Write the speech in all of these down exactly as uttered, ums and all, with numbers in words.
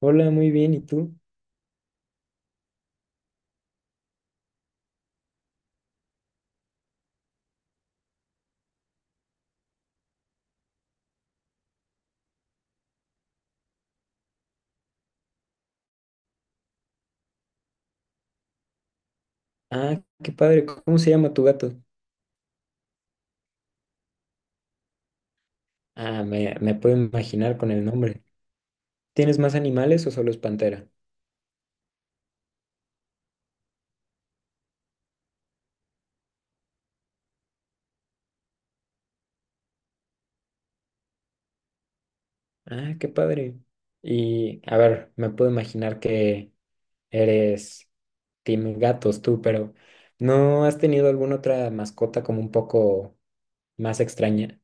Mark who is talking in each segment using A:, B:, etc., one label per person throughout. A: Hola, muy bien, ¿y tú? Ah, qué padre, ¿cómo se llama tu gato? Ah, me, me puedo imaginar con el nombre. ¿Tienes más animales o solo es pantera? Ah, qué padre. Y, a ver, me puedo imaginar que eres team gatos tú, pero ¿no has tenido alguna otra mascota como un poco más extraña?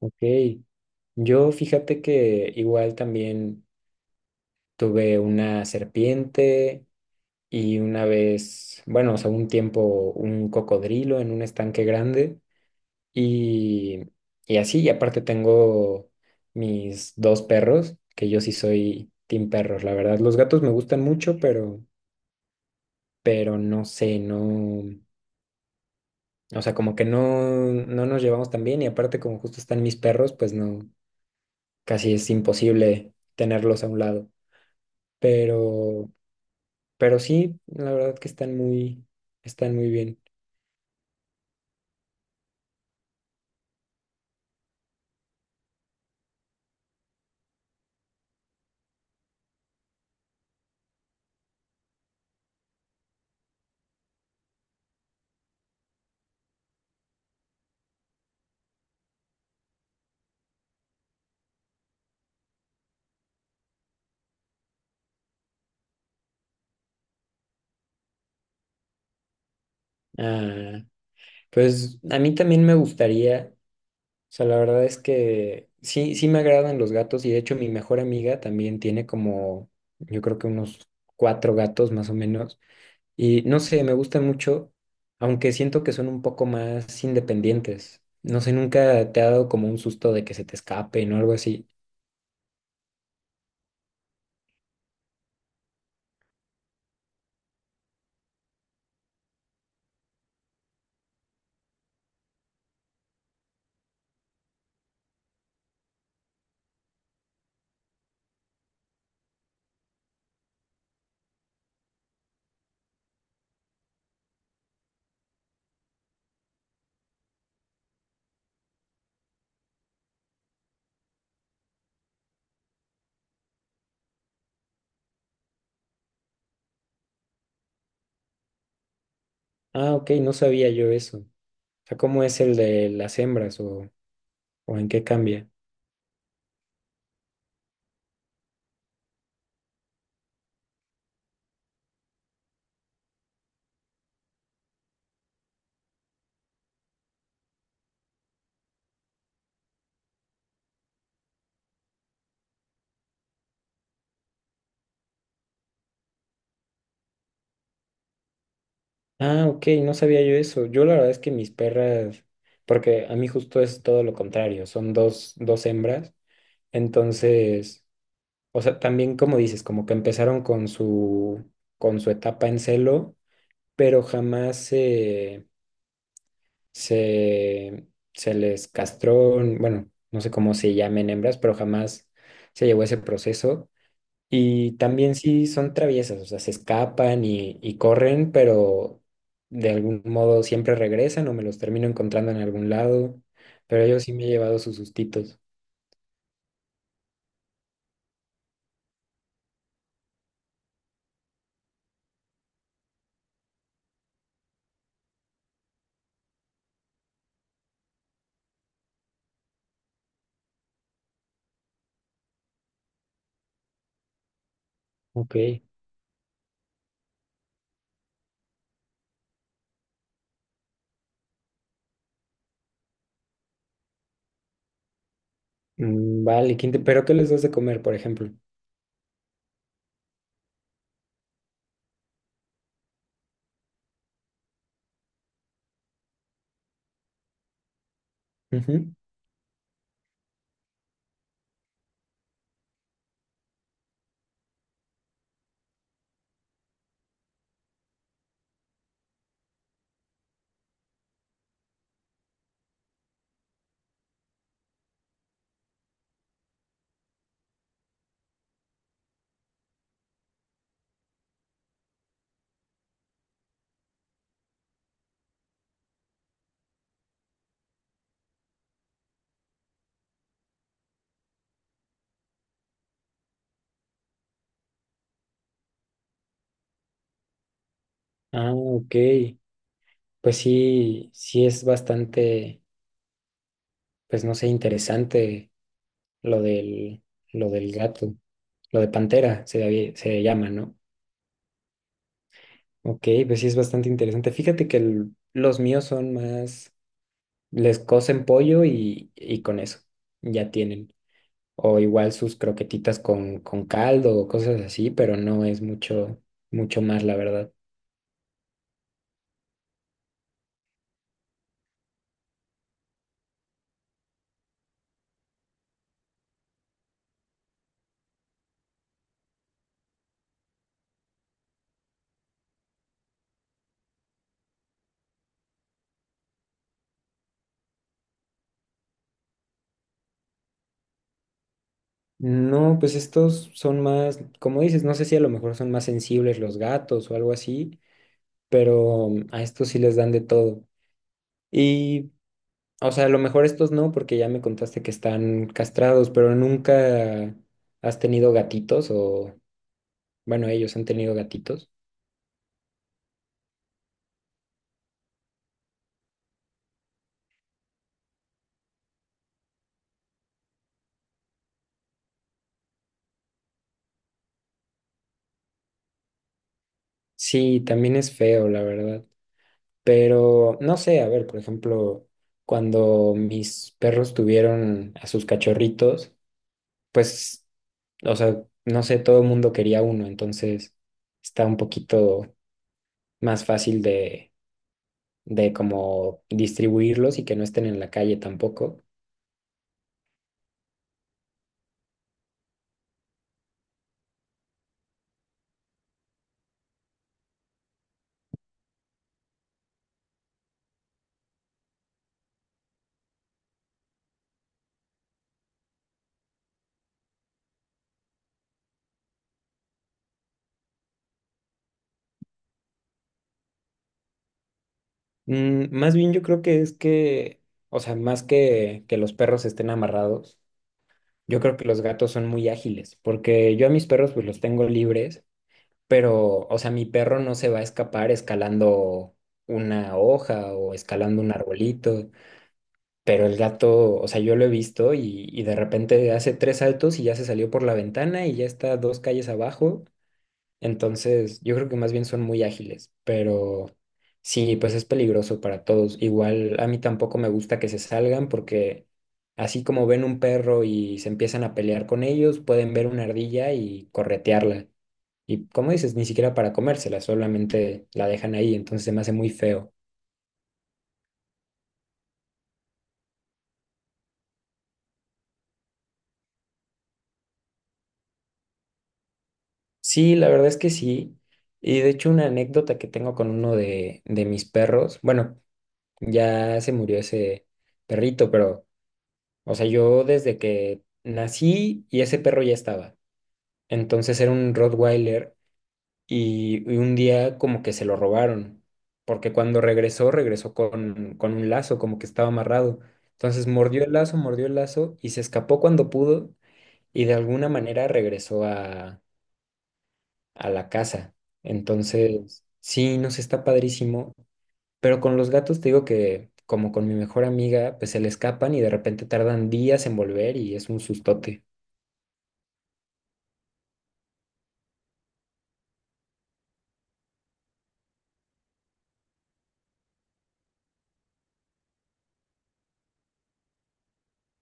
A: Ok, yo fíjate que igual también tuve una serpiente, y una vez, bueno, o sea, un tiempo un cocodrilo en un estanque grande y, y así, y aparte tengo mis dos perros, que yo sí soy team perros, la verdad, los gatos me gustan mucho, pero, pero no sé, no, o sea, como que no, no nos llevamos tan bien y aparte como justo están mis perros, pues no, casi es imposible tenerlos a un lado, pero, pero sí, la verdad que están muy, están muy bien. Ah, pues a mí también me gustaría, o sea, la verdad es que sí, sí me agradan los gatos y de hecho mi mejor amiga también tiene como, yo creo que unos cuatro gatos más o menos y no sé, me gustan mucho, aunque siento que son un poco más independientes. No sé, nunca te ha dado como un susto de que se te escapen o algo así. Ah, ok, no sabía yo eso. O sea, ¿cómo es el de las hembras o, o en qué cambia? Ah, ok, no sabía yo eso. Yo la verdad es que mis perras, porque a mí justo es todo lo contrario, son dos, dos hembras. Entonces, o sea, también como dices, como que empezaron con su, con su etapa en celo, pero jamás se, se, se les castró, bueno, no sé cómo se llamen hembras, pero jamás se llevó ese proceso. Y también sí son traviesas, o sea, se escapan y, y corren, pero de algún modo siempre regresan o me los termino encontrando en algún lado. Pero yo sí me he llevado sus sustitos. Ok. Mm, vale, quinte- ¿pero qué les das de comer, por ejemplo? Ujú. Ah, ok. Pues sí, sí es bastante, pues no sé, interesante lo del, lo del gato, lo de pantera se, había- se llama, ¿no? Ok, pues sí es bastante interesante. Fíjate que el- los míos son más, les cocen pollo y, y con eso, ya tienen. O igual sus croquetitas con, con caldo o cosas así, pero no es mucho, mucho más, la verdad. No, pues estos son más, como dices, no sé si a lo mejor son más sensibles los gatos o algo así, pero a estos sí les dan de todo. Y, o sea, a lo mejor estos no, porque ya me contaste que están castrados, pero nunca has tenido gatitos o... Bueno, ellos han tenido gatitos. Sí, también es feo, la verdad. Pero no sé, a ver, por ejemplo, cuando mis perros tuvieron a sus cachorritos, pues, o sea, no sé, todo el mundo quería uno, entonces está un poquito más fácil de, de como distribuirlos y que no estén en la calle tampoco. Mm, más bien yo creo que es que, o sea, más que que los perros estén amarrados. Yo creo que los gatos son muy ágiles, porque yo a mis perros pues los tengo libres, pero, o sea, mi perro no se va a escapar escalando una hoja o escalando un arbolito, pero el gato, o sea, yo lo he visto y, y de repente hace tres saltos y ya se salió por la ventana y ya está dos calles abajo, entonces, yo creo que más bien son muy ágiles, pero sí, pues es peligroso para todos. Igual a mí tampoco me gusta que se salgan porque así como ven un perro y se empiezan a pelear con ellos, pueden ver una ardilla y corretearla. Y como dices, ni siquiera para comérsela, solamente la dejan ahí, entonces se me hace muy feo. Sí, la verdad es que sí. Y de hecho una anécdota que tengo con uno de, de mis perros, bueno, ya se murió ese perrito, pero... O sea, yo desde que nací y ese perro ya estaba. Entonces era un Rottweiler y, y un día como que se lo robaron, porque cuando regresó, regresó con, con un lazo, como que estaba amarrado. Entonces mordió el lazo, mordió el lazo y se escapó cuando pudo y de alguna manera regresó a, a la casa. Entonces, sí, nos está padrísimo, pero con los gatos te digo que... Como con mi mejor amiga, pues se le escapan y de repente tardan días en volver y es un sustote.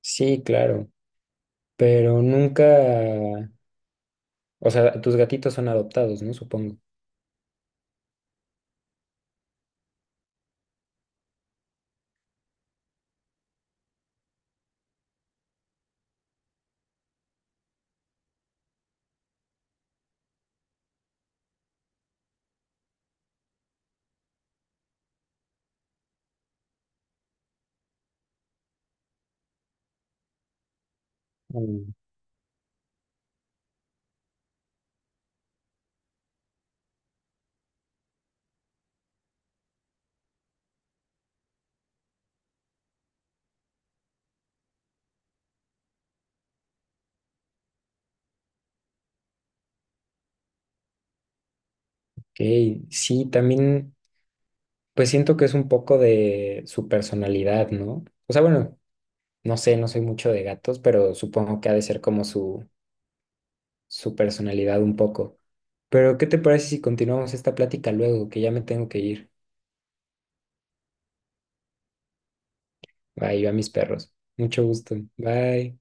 A: Sí, claro, pero nunca, o sea, tus gatitos son adoptados, ¿no? Supongo. Mm. Ok, sí, también, pues siento que es un poco de su personalidad, ¿no? O sea, bueno, no sé, no soy mucho de gatos, pero supongo que ha de ser como su, su personalidad un poco. Pero, ¿qué te parece si continuamos esta plática luego, que ya me tengo que ir? Bye, yo a mis perros. Mucho gusto. Bye.